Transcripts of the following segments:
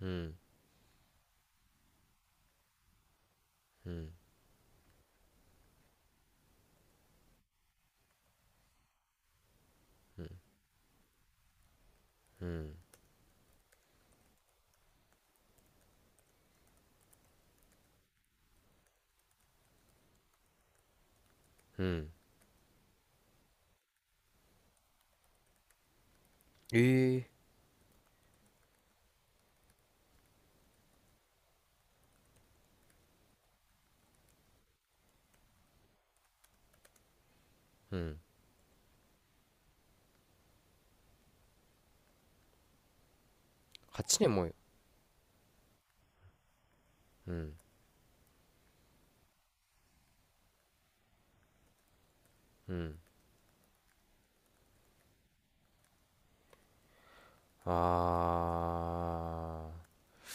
うん。うん。うん。うん。うん。ええ。うん。8年も。うん。うん。あ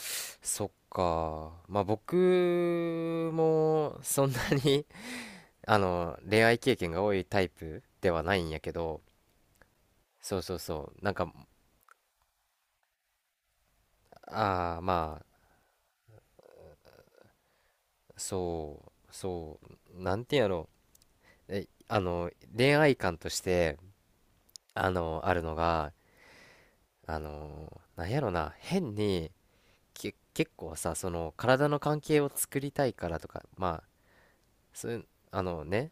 ーそっか、まあ僕もそんなに あの恋愛経験が多いタイプではないんやけど。そうそうそう、なんか、ああ、まあ、そうそう、なんていうんやろ、うえあの恋愛観として、あるのが、なんやろな、変に、結構さ、その体の関係を作りたいからとか、まあ、そういう、あのね、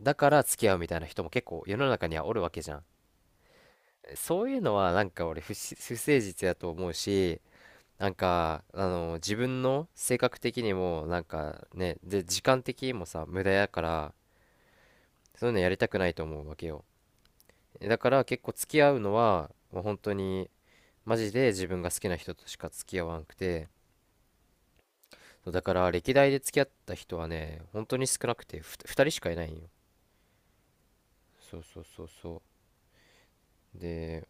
だから付き合うみたいな人も結構世の中にはおるわけじゃん。そういうのは、なんか俺、不誠実やと思うし、なんかあの自分の性格的にもなんかね、で、時間的にもさ、無駄やから、そういうのやりたくないと思うわけよ。だから結構付き合うのはもう本当に、マジで自分が好きな人としか付き合わなくて、そうだから歴代で付き合った人はね、本当に少なくて、2人しかいないんよ。そうそうそうそう。で、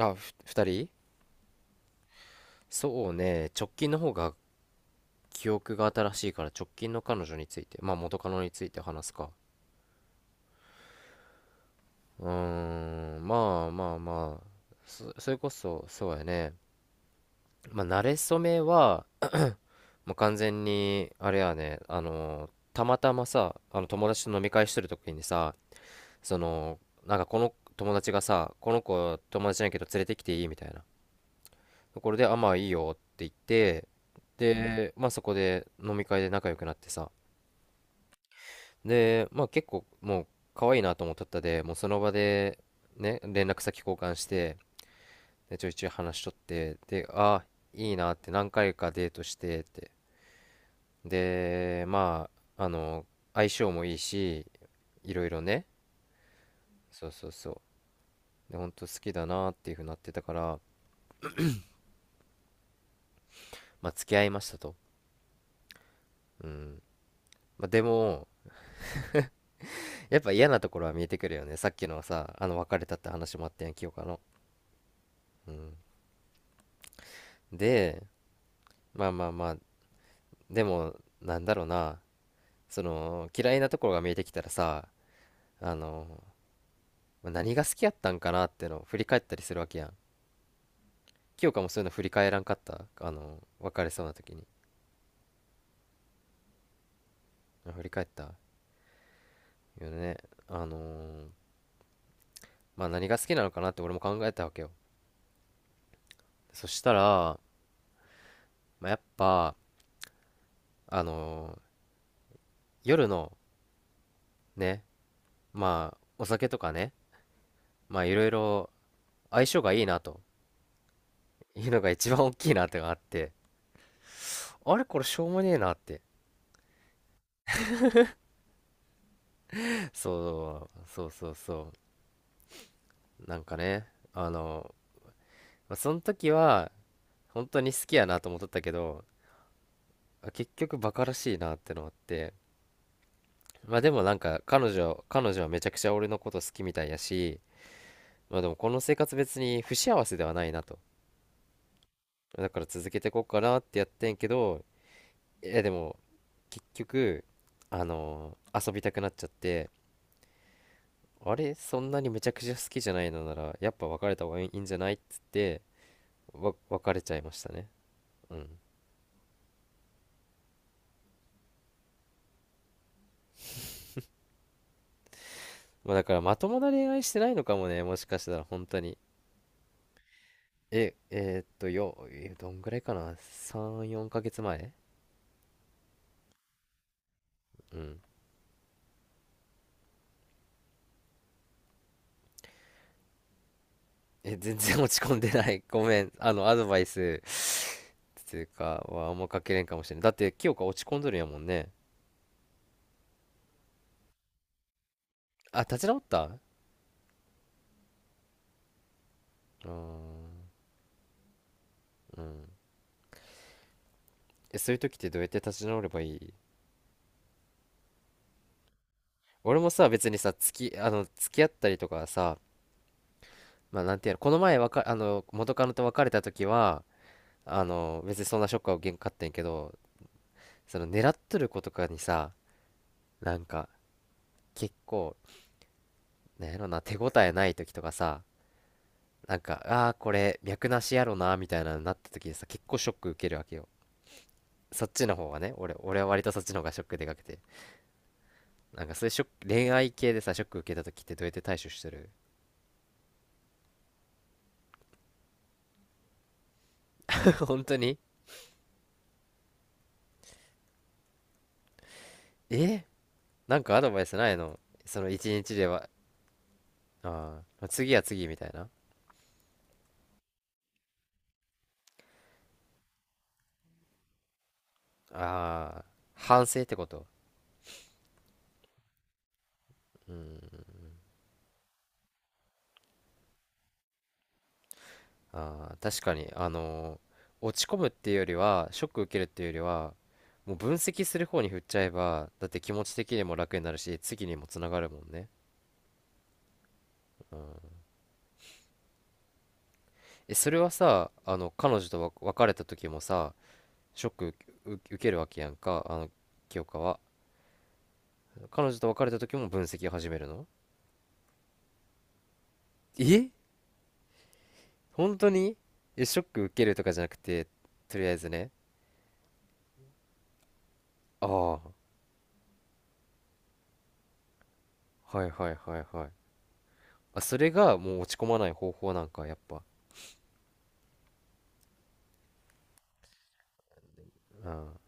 あ、2人。そうね、直近の方が記憶が新しいから、直近の彼女について、まあ元カノについて話すか。うーん、まあまあまあ、それこそそうやね。まあ慣れ初めは、もう完全にあれやね、たまたまさ、あの友達と飲み会してる時にさ、その、なんかこの友達がさ、この子友達じゃなんけど連れてきていいみたいなところで、あ、まあいいよって言って、で、まあそこで飲み会で仲良くなってさ、で、まあ結構もう可愛いなと思っとった、でもうその場でね、連絡先交換して、で、ちょいちょい話しとって、で、あ、いいなって、何回かデートしてって、で、まああの相性もいいし、いろいろね、そうそうそう、で、本当好きだなっていうふうになってたから、まあ、付き合いましたと。うん。まあ、でも、やっぱ嫌なところは見えてくるよね。さっきのさ、あの、別れたって話もあったやん、清香の。うん。で、まあまあまあ、でも、なんだろうな、その、嫌いなところが見えてきたらさ、あの、まあ何が好きやったんかなってのを振り返ったりするわけやん。清香もそういうの振り返らんかった、あの、別れそうな時に。まあ振り返ったよね。あのーまあ何が好きなのかなって俺も考えたわけよ。そしたら、まあ、やっぱ、あの夜のね、まあ、お酒とかね、まあ、いろいろ相性がいいなというのが一番大きいなってのがあって、あれこれしょうもねえなって。そう、そうそうそう。なんかね、あの、まあ、その時は本当に好きやなと思っとったけど、あ、結局バカらしいなってのあって、まあでも、なんか、彼女はめちゃくちゃ俺のこと好きみたいやし、まあでも、この生活別に不幸せではないなと。だから続けてこうかなってやってんけど、え、でも結局、遊びたくなっちゃって、あれ、そんなにめちゃくちゃ好きじゃないのならやっぱ別れた方がいいんじゃないっつって、別れちゃいましたね。うん。まあだからまともな恋愛してないのかもね、もしかしたら本当に。ええーっとどんぐらいかな、3、4ヶ月前。うん。全然落ち込んでない ごめん、アドバイスっていうかはあんまかけれんかもしれない、だって清香落ち込んどるんやもんね。あ、立ち直った。うーん。うん。え、そういう時ってどうやって立ち直ればいい？俺もさ、別にさ、付き合ったりとかさ、まあなんていうの、この前、わか、あの、元カノと別れた時は、別にそんなショックは受けんかったんやけど、その狙っとる子とかにさ、なんか、結構、なんやろな、手応えない時とかさ、なんか、ああ、これ、脈なしやろな、みたいなのになった時にさ、結構ショック受けるわけよ。そっちの方がね、俺は割とそっちの方がショックでかくて。なんかそういうショック、恋愛系でさ、ショック受けた時ってどうやって対処してる？ 本当に？えなんかアドバイスないの？その一日では。ああ、次は次みたいな。ああ、反省ってこと。うん。ああ、確かに、落ち込むっていうよりは、ショック受けるっていうよりは、もう分析する方に振っちゃえば、だって気持ち的にも楽になるし、次にもつながるもんね。え、それはさ、彼女と別れた時もさ、ショック、受けるわけやんか、清香は。彼女と別れた時も分析を始めるの？え、本当に？え、ショック受けるとかじゃなくて、とりあえずね。ああ、はいはいはいはい。あ、それがもう落ち込まない方法なんか、やっぱ。うん。う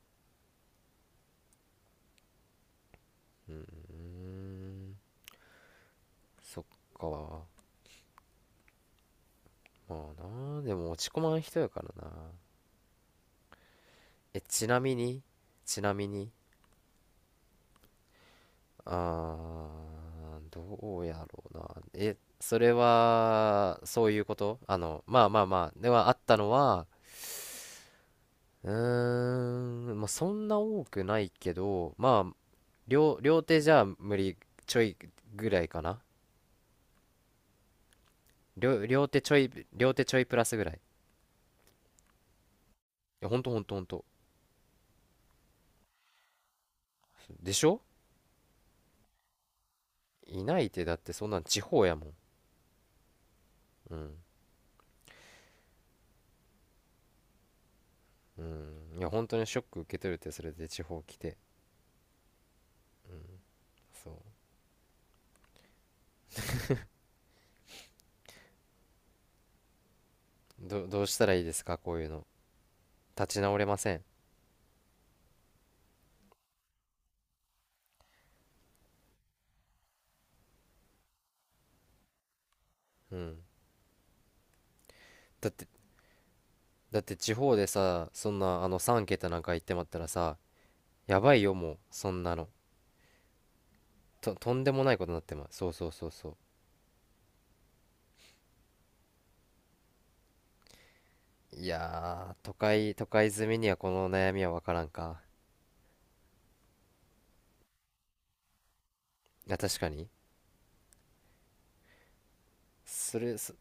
ーん、そっか。まあな、でも落ち込まん人やからな。え、ちなみに、ちなみに、あー、どうやろうな。え、それは、そういうこと、まあまあまあ、ではあったのは、うーん、まあそんな多くないけど、まあ、両手じゃ無理、ちょいぐらいかな、両手ちょい、両手ちょいプラスぐらい。いや、ほんとほんとほんと。でしょ。いないって、だってそんなん地方やもん。うん。うん。いや、本当にショック受け取るってそれで地方来て。そう。どうしたらいいですかこういうの。立ち直れません。うん。だって、だって地方でさ、そんな3桁なんか行ってまったらさ、やばいよもう、そんなの。とんでもないことになってますそうそうそうそう。いやー、都会住みにはこの悩みはわからんか。いや、確かに。それ、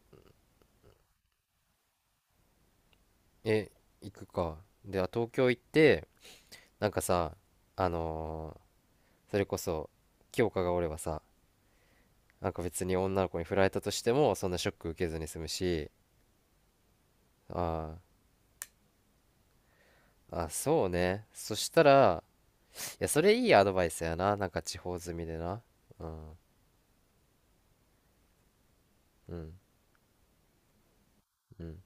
え、行くか。では、東京行って、なんかさ、あのーそれこそ、清香がおればさ、なんか別に女の子に振られたとしても、そんなショック受けずに済むし、あーあ、そうね。そしたら、いや、それいいアドバイスやな。なんか地方住みでな。うん、うん、うん。